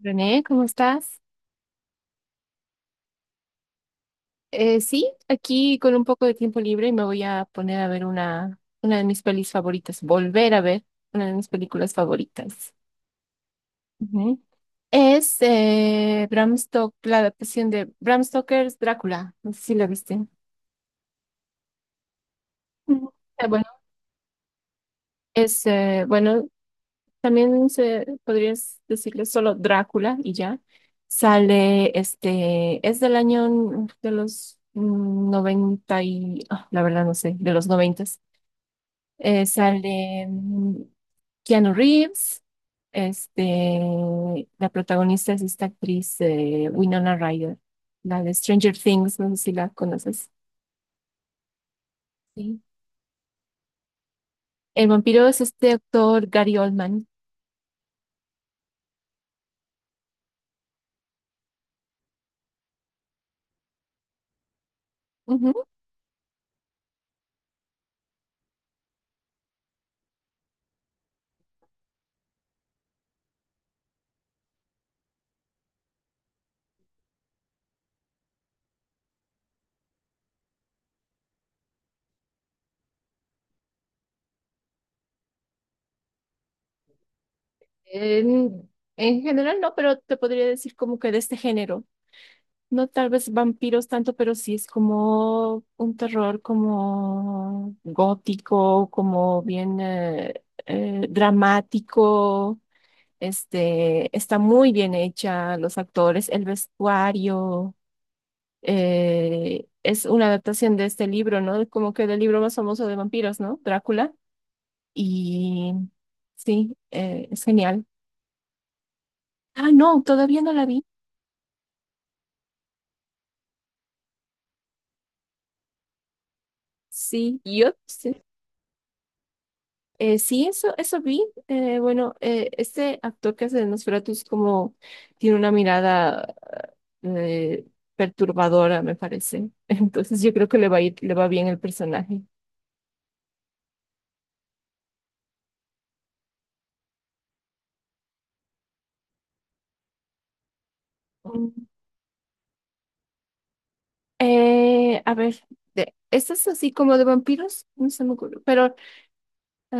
René, ¿cómo estás? Sí, aquí con un poco de tiempo libre y me voy a poner a ver una de mis pelis favoritas, volver a ver una de mis películas favoritas. Ujú. Es Bram Stoker, la adaptación de Bram Stoker's Drácula. No sé si la viste. Ujú. Eh, bueno, es eh, bueno, También se, podrías decirle solo Drácula y ya. Sale, este, es del año de los 90 y, ah, la verdad no sé, de los 90. Sale Keanu Reeves. Este, la protagonista es esta actriz Winona Ryder, la de Stranger Things, no sé si la conoces. Sí. El vampiro es este actor Gary Oldman. Ujú. En, en general no, pero te podría decir como que de este género. No tal vez vampiros tanto, pero sí es como un terror como gótico, como bien dramático. Este, está muy bien hecha, los actores, el vestuario. Es una adaptación de este libro, ¿no? Como que del libro más famoso de vampiros, ¿no? Drácula. Y sí, es genial. Ah, no, todavía no la vi. Sí, yo sí. Sí, eso vi. Bueno, este actor que hace de Nosferatu es como tiene una mirada eh, perturbadora, me parece. Entonces yo creo que le va a ir, le va bien el personaje. A ver, estas así como de vampiros, no se me ocurre, pero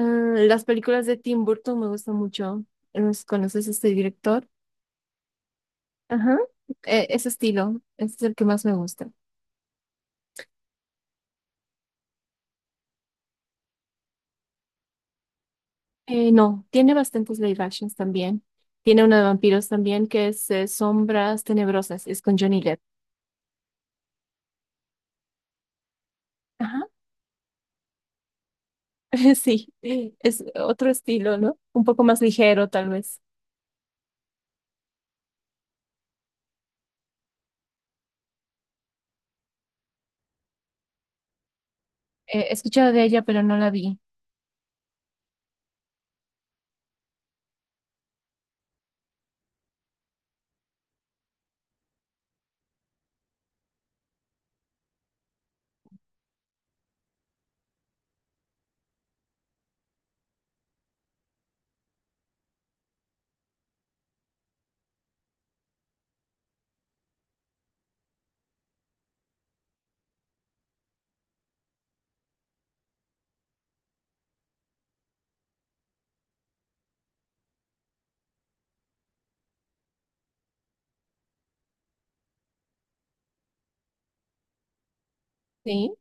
las películas de Tim Burton me gustan mucho. No sé si ¿Conoces a este director? Ajá. Ese estilo, ese es el que más me gusta. No, tiene bastantes live actions también. Tiene una de vampiros también que es Sombras Tenebrosas, es con Johnny Depp. Ajá. Sí, es otro estilo, ¿no? Un poco más ligero, tal vez. He escuchado de ella, pero no la vi. Sí.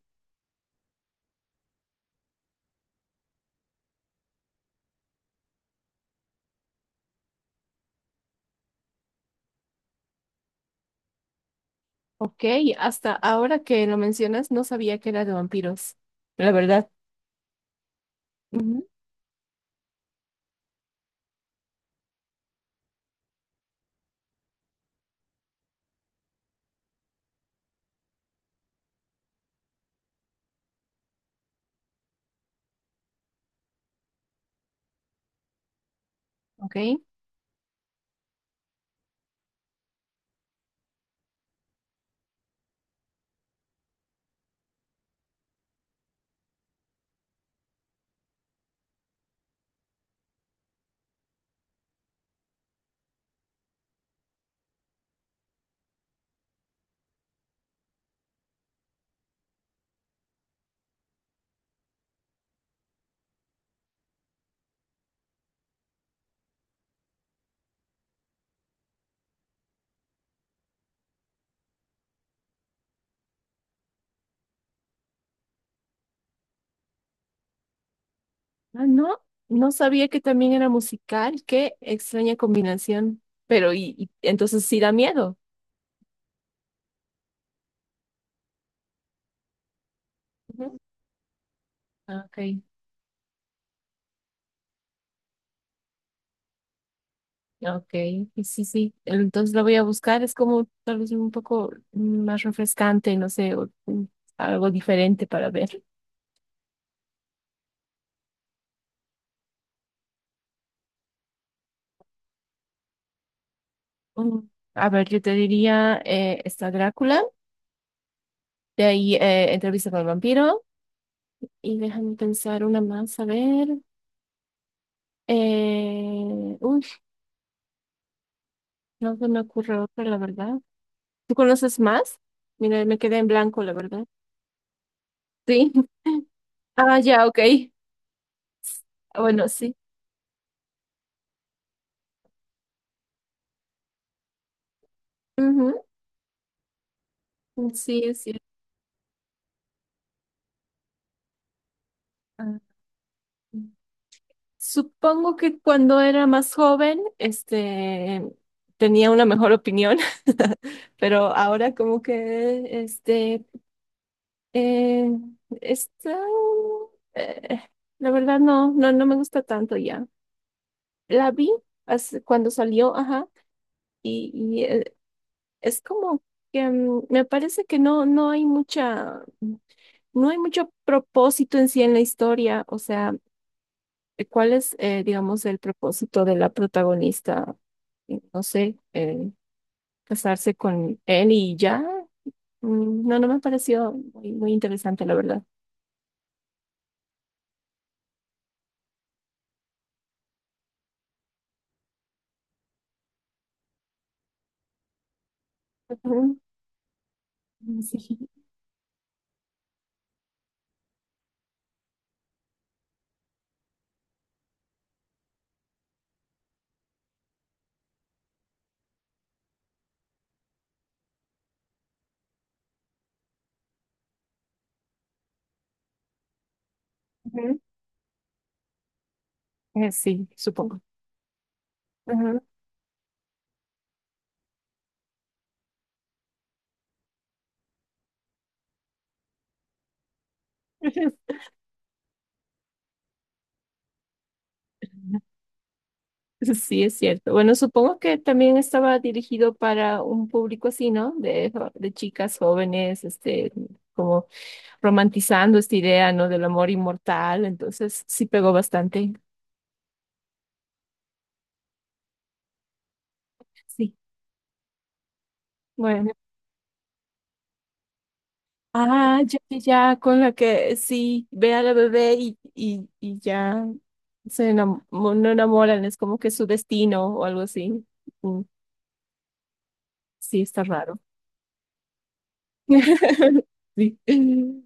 Ok, hasta ahora que lo mencionas, no sabía que era de vampiros. La verdad. Ujú, ok. Ah, no, no sabía que también era musical. Qué extraña combinación. Pero, y entonces sí da miedo. Ujú. Ah, ok, ok. Y sí, sí. Entonces la voy a buscar. Es como tal vez un poco más refrescante, no sé, o, algo diferente para ver. Mm, a ver, yo te diría, está Drácula. De ahí, entrevista con el vampiro. Y déjame pensar una más, a ver. Eh, uy, no se me ocurre otra, la verdad. ¿Tú conoces más? Mira, me quedé en blanco, la verdad. Sí. Ah, ya, ok. Ah, bueno, sí. Ujú, sí, es cierto. Ah, sí. Supongo que cuando era más joven, este, tenía una mejor opinión, pero ahora como que, este, eh, está, eh, la verdad no, no me gusta tanto ya. La vi cuando salió, ajá, y, es como que me parece que no, no hay mucha, no hay mucho propósito en sí en la historia, o sea, ¿cuál es, digamos, el propósito de la protagonista? No sé, casarse con él y ya. Mm, no, no me pareció muy interesante, la verdad. Ujú. Sí, ujú. Sí, supongo. Ujú. Sí, es cierto. Bueno, supongo que también estaba dirigido para un público así, ¿no? De, de chicas jóvenes, este, como romantizando esta idea, ¿no? Del amor inmortal. Entonces, sí pegó bastante. Sí. Bueno. Ah, ya, ya, ya, con la que sí, ve a la bebé y ya no enamoran, es como que su destino o algo así. Mm, sí, está raro. Sí.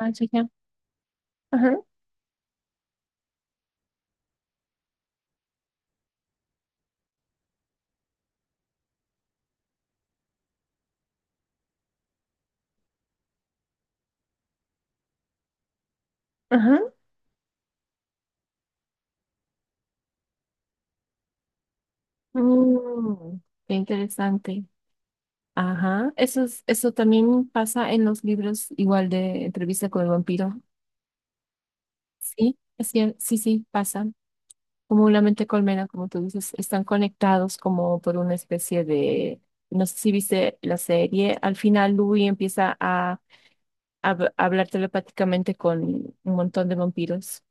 Ah, ya, ya. Ajá. Ajá. Mm, qué interesante. Ajá. Eso también pasa en los libros, igual de entrevista con el vampiro. Sí, sí, sí, pasa. Como una mente colmena, como tú dices, están conectados como por una especie de, no sé si viste la serie, al final Louis empieza a, a hablar telepáticamente con un montón de vampiros.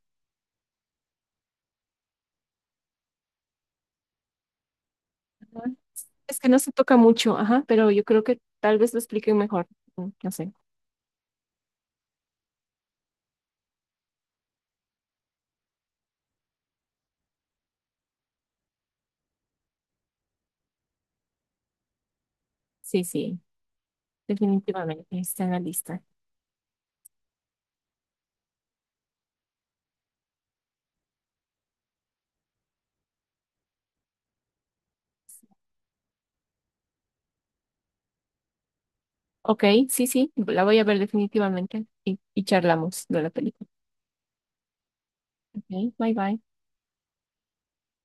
Ajá. Es que no se toca mucho, ajá, pero yo creo que tal vez lo expliquen mejor. Mm, no sé. Sí, sí. Definitivamente, está en la lista. Ok, sí, sí, la voy a ver definitivamente y charlamos de la película. Ok, bye bye.